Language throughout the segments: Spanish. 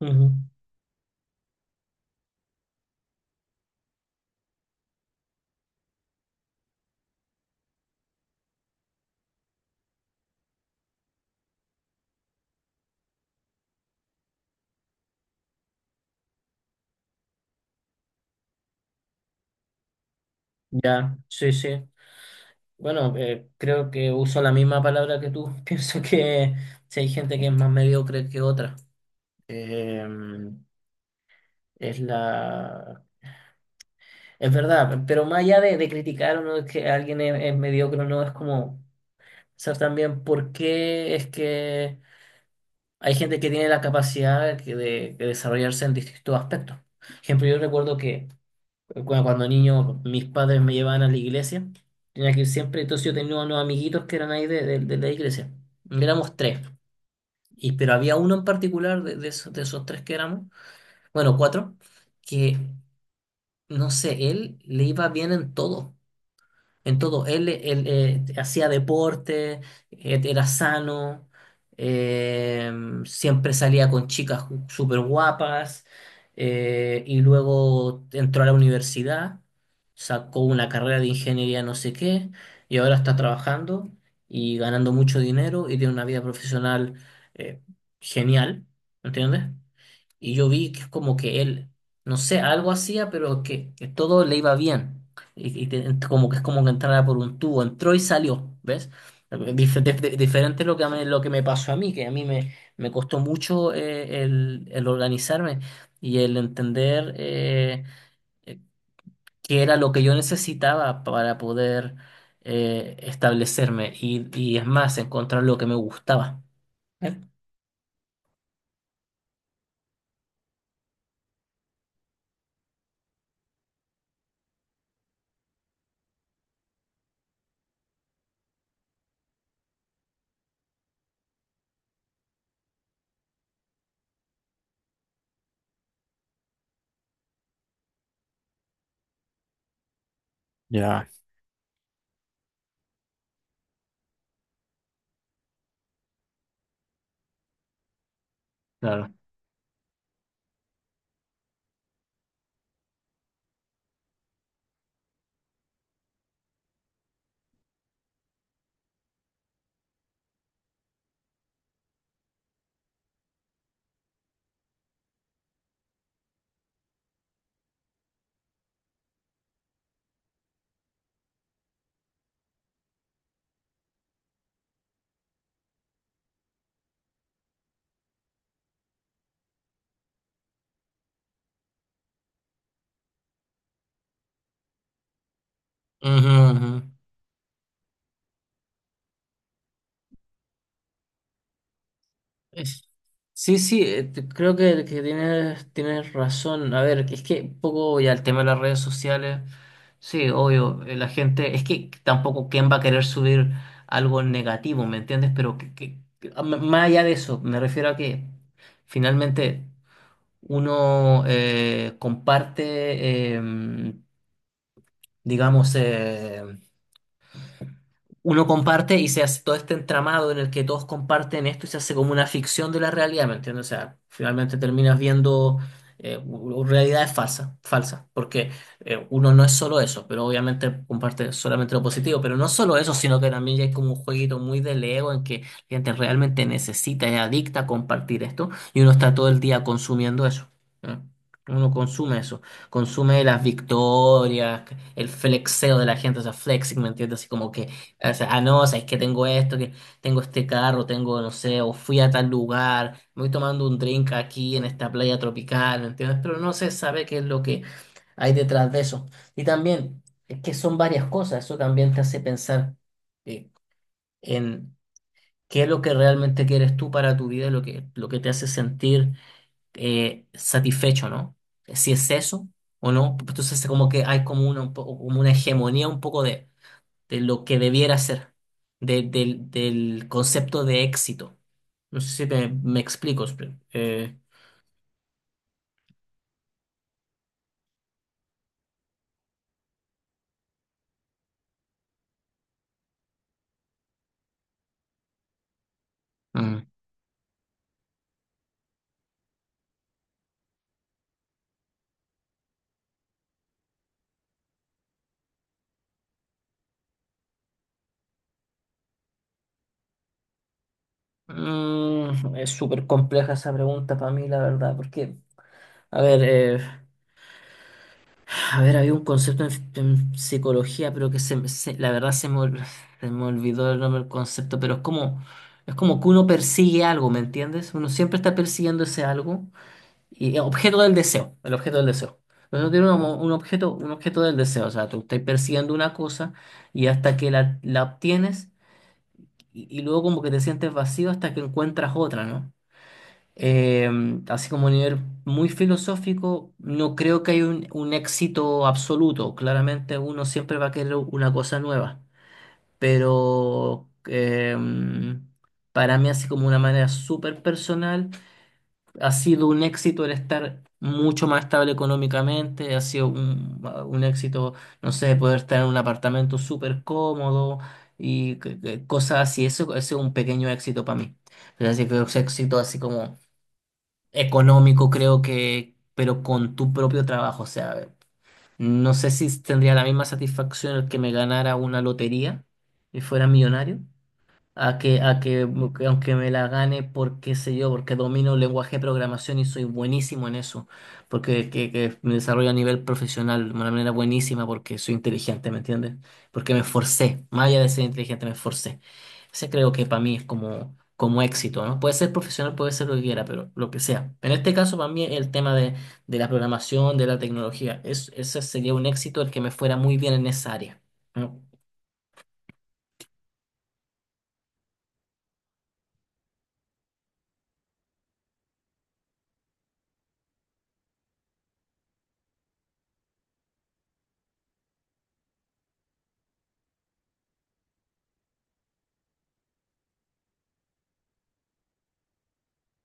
Ujú, ya, sí, sí. Bueno, creo que uso la misma palabra que tú. Pienso que si hay gente que es más mediocre que otra. Eh, es la... Es verdad, pero más allá de criticar o no es que alguien es mediocre o no, es como saber también por qué es que hay gente que tiene la capacidad que de desarrollarse en distintos aspectos. Por ejemplo, yo recuerdo que cuando niño, mis padres me llevaban a la iglesia. Tenía que ir siempre. Entonces yo tenía unos amiguitos que eran ahí de la iglesia. Éramos tres. Y pero había uno en particular de esos tres que éramos, bueno, cuatro, que no sé, él le iba bien en todo. En todo, él, hacía deporte, era sano, eh, siempre salía con chicas súper guapas, y luego entró a la universidad, sacó una carrera de ingeniería no sé qué y ahora está trabajando y ganando mucho dinero y tiene una vida profesional, eh, genial, ¿entiendes? Y yo vi que es como que él, no sé, algo hacía, pero que todo le iba bien. Y como que es como que entrara por un tubo, entró y salió, ¿ves? Diferente es lo que, lo que me pasó a mí, que a mí me costó mucho el organizarme y el entender, eh, qué era lo que yo necesitaba para poder, establecerme y es más, encontrar lo que me gustaba. ¿Eh? Claro. Ujú, ujú. Es- Sí, sí, creo que tienes, tienes razón. A ver, es que un poco ya el tema de las redes sociales, sí, obvio, la gente, es que tampoco quién va a querer subir algo negativo, ¿me entiendes? Pero más allá de eso, me refiero a que finalmente uno, comparte, digamos, uno comparte y se hace todo este entramado en el que todos comparten esto y se hace como una ficción de la realidad, ¿me entiendes? O sea, finalmente terminas viendo, realidades falsas, falsas, porque, uno no es solo eso, pero obviamente comparte solamente lo positivo, pero no solo eso, sino que también ya hay como un jueguito muy del ego en que la gente realmente necesita, es adicta a compartir esto y uno está todo el día consumiendo eso. ¿Eh? Uno consume eso, consume las victorias, el flexeo de la gente, o sea, flexing, ¿me entiendes? Así como que, o sea, ah, no, o sea, es que tengo esto, que tengo este carro, tengo, no sé, o fui a tal lugar, me voy tomando un drink aquí en esta playa tropical, ¿me entiendes? Pero no se sabe qué es lo que hay detrás de eso. Y también, es que son varias cosas, eso también te hace pensar, eh, en qué es lo que realmente quieres tú para tu vida, lo lo que te hace sentir, satisfecho, ¿no? Si es eso o no, pues entonces como que hay como una, como una hegemonía un poco de lo que debiera ser, del, del concepto de éxito. No sé si me explico. eh, mm. Mm, es súper compleja esa pregunta para mí, la verdad, porque, a ver, eh, a ver, había un concepto en psicología, pero que la verdad se me se me olvidó el nombre del concepto, pero es como que uno persigue algo, ¿me entiendes? Uno siempre está persiguiendo ese algo. Y objeto del deseo, el objeto del deseo. Nosotros tiene un objeto del deseo, o sea, tú estás persiguiendo una cosa y hasta que la obtienes y luego como que te sientes vacío hasta que encuentras otra, ¿no? Eh, así como a nivel muy filosófico, no creo que haya un éxito absoluto. Claramente uno siempre va a querer una cosa nueva, pero, para mí así como una manera súper personal ha sido un éxito el estar mucho más estable económicamente, ha sido un éxito, no sé, poder estar en un apartamento súper cómodo y cosas así. Eso, ese es un pequeño éxito para mí. Pero así que es éxito así como económico, creo que, pero con tu propio trabajo, o sea, no sé si tendría la misma satisfacción el que me ganara una lotería y fuera millonario a que aunque me la gane por qué sé yo, porque domino el lenguaje de programación y soy buenísimo en eso, porque que me desarrollo a nivel profesional de una manera buenísima porque soy inteligente, ¿me entiendes? Porque me esforcé, más allá de ser inteligente, me esforcé. Ese creo que para mí es como, como éxito, ¿no? Puede ser profesional, puede ser lo que quiera, pero lo que sea. En este caso, para mí, el tema de la programación, de la tecnología, es, ese sería un éxito el que me fuera muy bien en esa área, ¿no?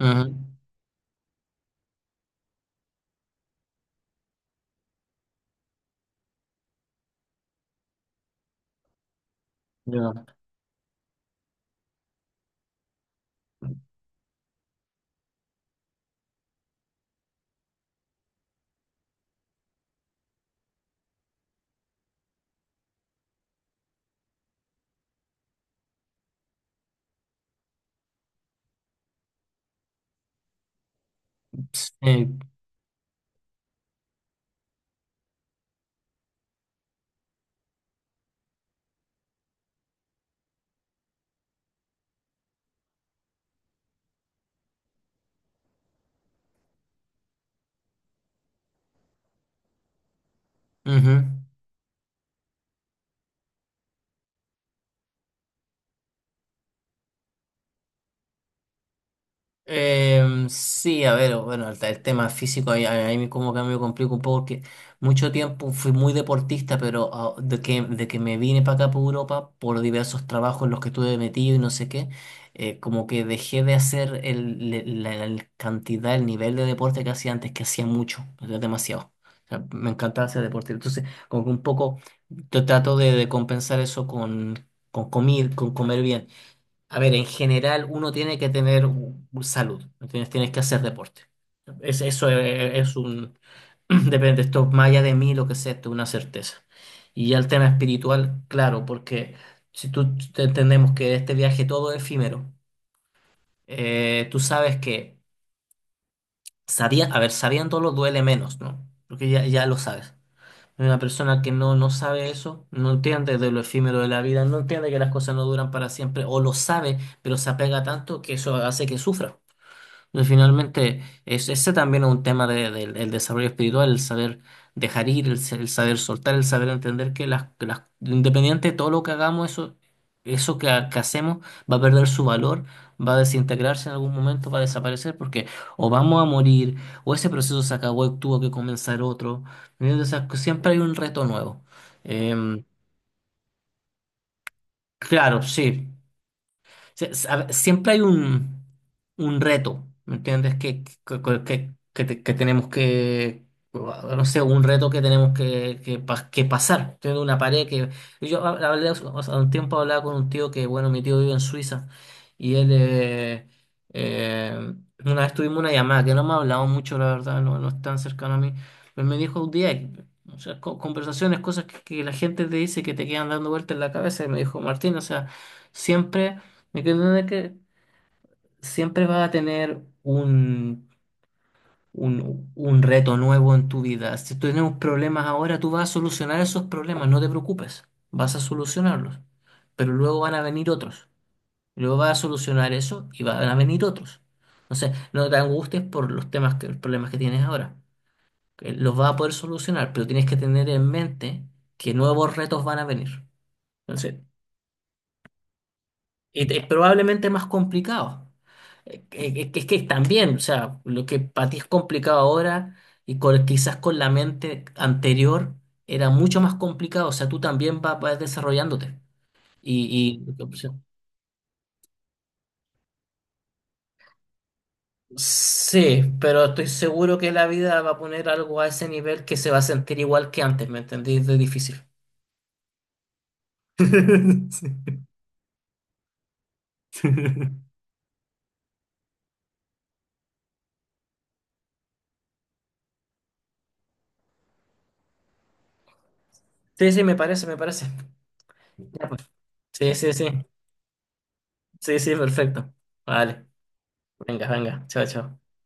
Ujú. Ya. Sí. Ujú. Sí, a ver, bueno, el tema físico ahí, ahí como que me complica un poco porque mucho tiempo fui muy deportista, pero ah, de que me vine para acá, por Europa, por diversos trabajos en los que estuve metido y no sé qué, como que dejé de hacer la cantidad, el nivel de deporte que hacía antes, que hacía mucho, era demasiado. O sea, me encantaba hacer deporte. Entonces, como que un poco yo trato de compensar eso con comer bien. A ver, en general uno tiene que tener salud, ¿entiendes? Tienes que hacer deporte. Es, eso es un... Depende, esto más allá de mí, lo que sea, esto es una certeza. Y ya el tema espiritual, claro, porque si entendemos que este viaje todo es efímero, tú sabes que, sabía, a ver, sabiéndolo duele menos, ¿no? Porque ya, ya lo sabes. Una persona que no, no sabe eso, no entiende de lo efímero de la vida, no entiende que las cosas no duran para siempre, o lo sabe, pero se apega tanto que eso hace que sufra. Y finalmente, es, ese también es un tema del desarrollo espiritual, el saber dejar ir, el saber soltar, el saber entender que que las, independiente de todo lo que hagamos, eso que, que hacemos va a perder su valor, va a desintegrarse en algún momento, va a desaparecer, porque o vamos a morir, o ese proceso se acabó y tuvo que comenzar otro. ¿Me entiendes? O sea, que siempre hay un reto nuevo. Em, claro, sí. A ver, siempre hay un reto, ¿me entiendes? Que tenemos que, no sé, un reto que tenemos que pasar. Tengo una pared que... Yo hablé, hace un tiempo hablaba con un tío que, bueno, mi tío vive en Suiza y él... eh, una vez tuvimos una llamada que no me ha hablado mucho, la verdad, no, no es tan cercano a mí, pero me dijo un día... O sea, conversaciones, cosas que la gente te dice que te quedan dando vueltas en la cabeza y me dijo, Martín, o sea, siempre que siempre vas a tener un reto nuevo en tu vida. Si tú tienes problemas ahora, tú vas a solucionar esos problemas, no te preocupes, vas a solucionarlos. Pero luego van a venir otros. Luego vas a solucionar eso y van a venir otros. Entonces, no te angusties por los temas que, los problemas que tienes ahora. Que Los vas a poder solucionar, pero tienes que tener en mente que nuevos retos van a venir. Entonces, y es probablemente más complicado. Que Es que también, o sea, lo que para ti es complicado ahora y quizás con la mente anterior era mucho más complicado, o sea, tú también vas desarrollándote. Y o sea, sí, pero estoy seguro que la vida va a poner algo a ese nivel que se va a sentir igual que antes, ¿me entendís? De difícil. Sí, sí, sí, me parece, me parece. Ya, pues. Sí, sí, sí. Sí, sí, perfecto. Vale. Venga, venga. Chao, chao.